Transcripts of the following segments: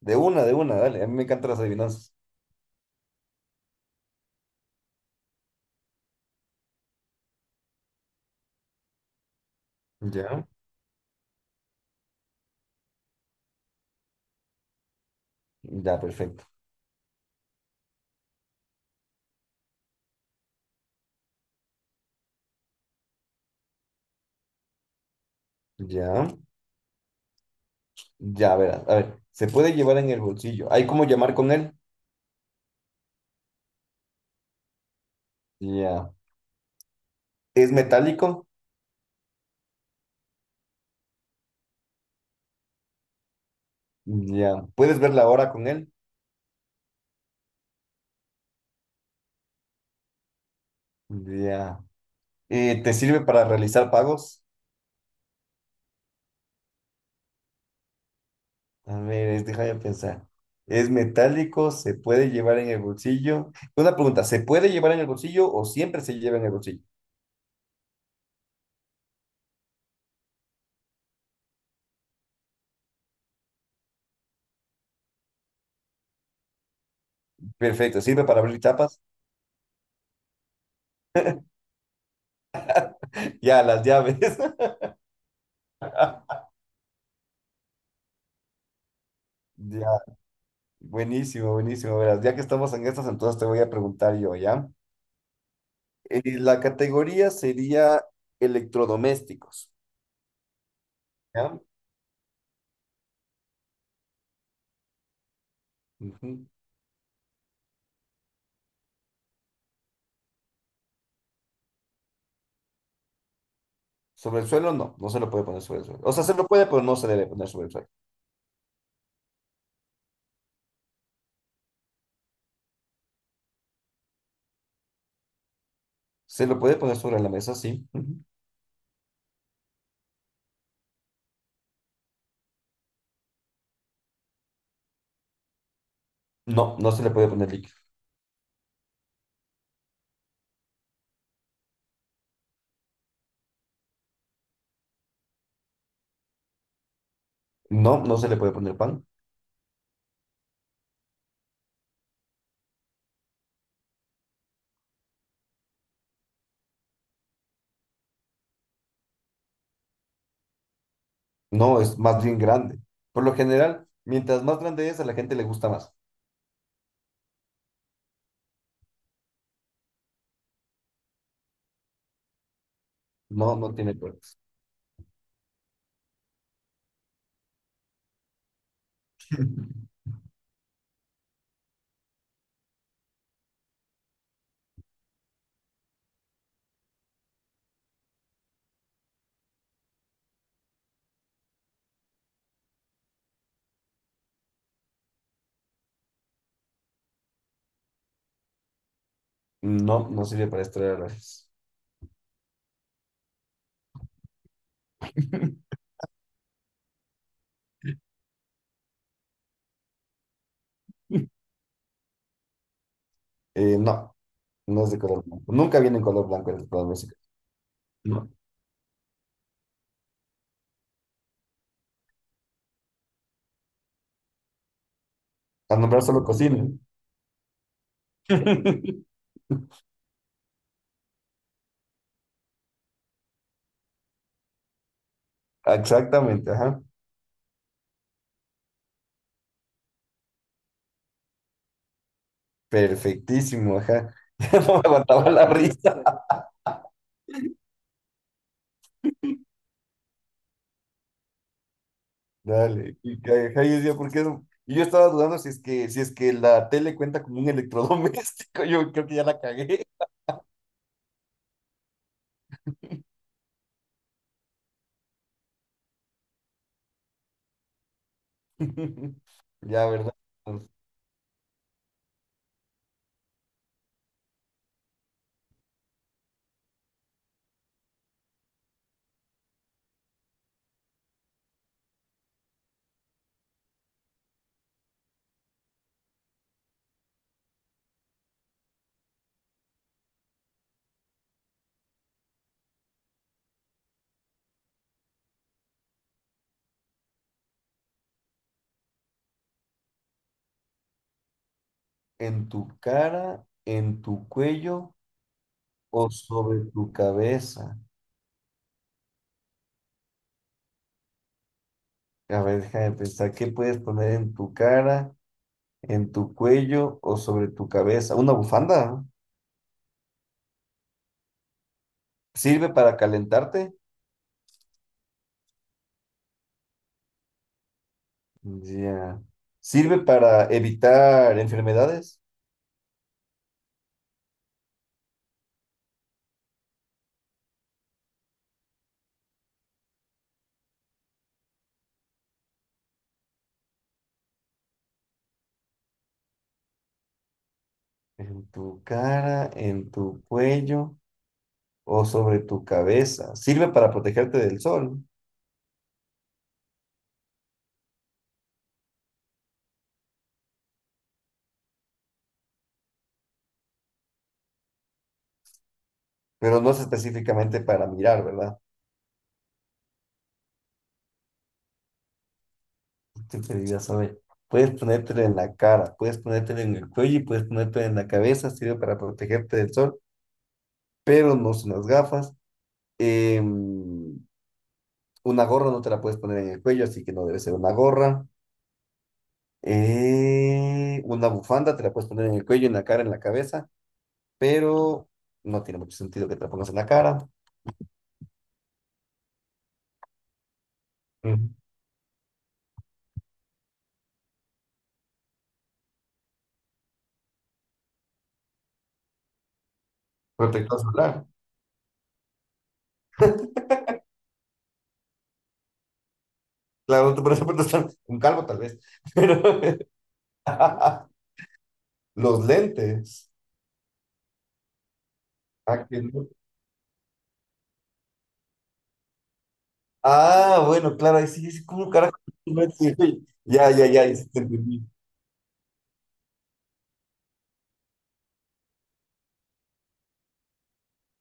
De una, dale. A mí me encantan las adivinanzas. Ya, ya, perfecto. Ya, ya, verás. A ver, ¿se puede llevar en el bolsillo? ¿Hay cómo llamar con él? Ya. ¿Es metálico? Ya. ¿Puedes ver la hora con él? Ya. ¿Te sirve para realizar pagos? A ver, déjame pensar. ¿Es metálico? ¿Se puede llevar en el bolsillo? Una pregunta, ¿se puede llevar en el bolsillo o siempre se lleva en el bolsillo? Perfecto, ¿sirve para abrir chapas? Ya, las llaves. Ya, buenísimo, buenísimo. Verás, ya que estamos en estas, entonces te voy a preguntar yo, ¿ya? La categoría sería electrodomésticos, ¿ya? Ujú. Sobre el suelo, no, no se lo puede poner sobre el suelo. O sea, se lo puede, pero no se debe poner sobre el suelo. Se lo puede poner sobre la mesa, sí. Ujú. No, no se le puede poner líquido. No, no se le puede poner pan. No, es más bien grande. Por lo general, mientras más grande es, a la gente le gusta más. No, no tiene puertas. No, no sirve para extraer a no. No es de color blanco. Nunca viene en color blanco en el plan musical. No. Al nombrar solo cocina. Exactamente, ajá. Perfectísimo, ajá. Ya no me aguantaba la risa. Dale. Y, ajá, yo decía, ¿por qué no? Y yo estaba dudando si es que la tele cuenta como un electrodoméstico. Yo creo que ya la cagué. Ya, ¿verdad? En tu cara, en tu cuello o sobre tu cabeza. A ver, déjame pensar, ¿qué puedes poner en tu cara? ¿En tu cuello o sobre tu cabeza? ¿Una bufanda? ¿Sirve para calentarte? Ya. ¿Sirve para evitar enfermedades? ¿En tu cara, en tu cuello o sobre tu cabeza? Sirve para protegerte del sol, pero no es específicamente para mirar, ¿verdad? Te diría, saber. Puedes ponértelo en la cara, puedes ponértelo en el cuello y puedes ponértelo en la cabeza. Sirve para protegerte del sol, pero no son las gafas. Em, Una gorra no te la puedes poner en el cuello, así que no debe ser una gorra. Una bufanda te la puedes poner en el cuello, en la cara, en la cabeza, pero no tiene mucho sentido que te la pongas en la cara. Ujú. Protector solar. Claro, tú por eso puedes estar un calvo tal vez, pero los lentes. Ah, que no. Ah, bueno, claro, ahí sí, sí, ¿cómo carajo? Ya, ya, ya, ya, sí te entendí.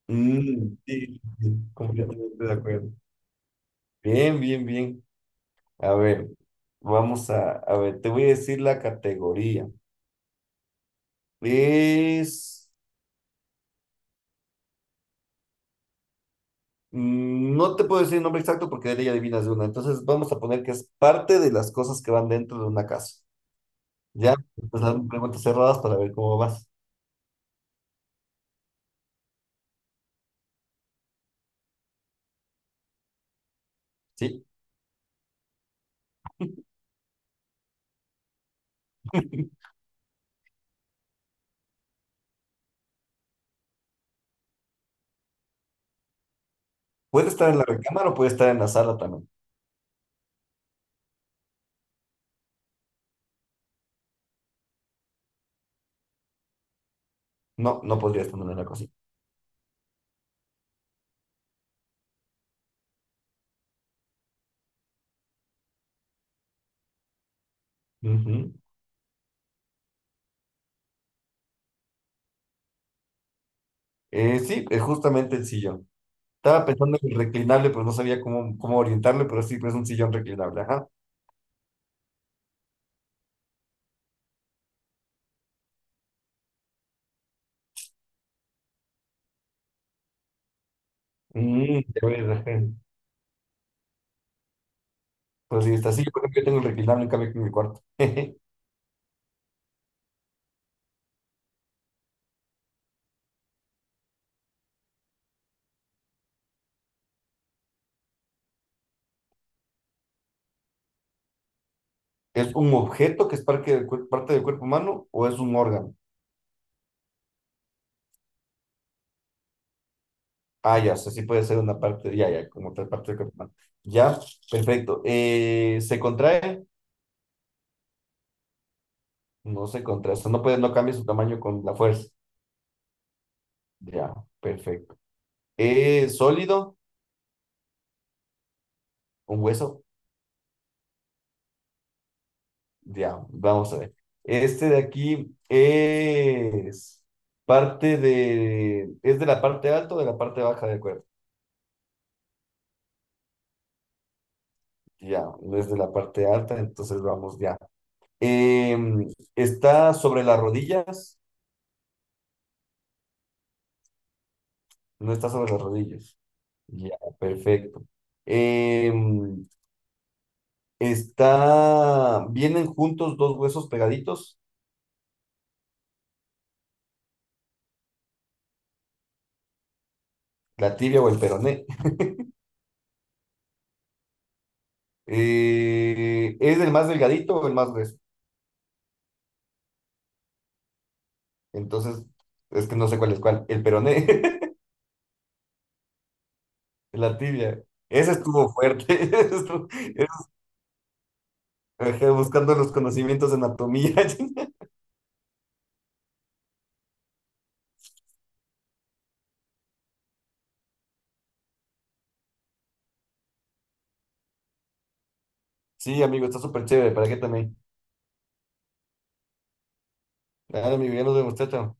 Mm, sí, sí, completamente de acuerdo. Bien, bien, bien. A ver, a ver, te voy a decir la categoría. Es, no te puedo decir el nombre exacto porque de ella adivinas de una. Entonces vamos a poner que es parte de las cosas que van dentro de una casa. Ya, entonces hazme preguntas cerradas para ver cómo vas. ¿Sí? Puede estar en la recámara o puede estar en la sala también. No, no podría estar en la cocina. Ujú. Sí, es justamente el sillón. Estaba pensando en el reclinable, pero no sabía cómo orientarle, pero sí, pues es un sillón reclinable. Ajá. Mm, ya ves, ajá. Por si está. Sí, por ejemplo, yo tengo el requinal en cambio aquí en mi cuarto. ¿Es un objeto que es parte parte del cuerpo humano o es un órgano? Ah, ya, o sea, sí puede ser una parte, ya, ya, como otra parte del cuerpo humano. Ya, perfecto. ¿Se contrae? No se contrae, o sea, no puede, no cambia su tamaño con la fuerza. Ya, perfecto. ¿Es sólido? ¿Un hueso? Ya, vamos a ver. Este de aquí es parte de, ¿es de la parte alta o de la parte baja del cuerpo? Ya, desde la parte alta, entonces vamos ya. ¿Está sobre las rodillas? No está sobre las rodillas. Ya, perfecto. Em, está, ¿vienen juntos dos huesos pegaditos? La tibia o el peroné. ¿Es el más delgadito o el más grueso? Entonces, es que no sé cuál es cuál. El peroné, la tibia. Ese estuvo fuerte. Ajá, buscando los conocimientos de anatomía. Sí, amigo, está súper chévere. ¿Para qué también? Dale, mi bien, nos vemos, chao, chao.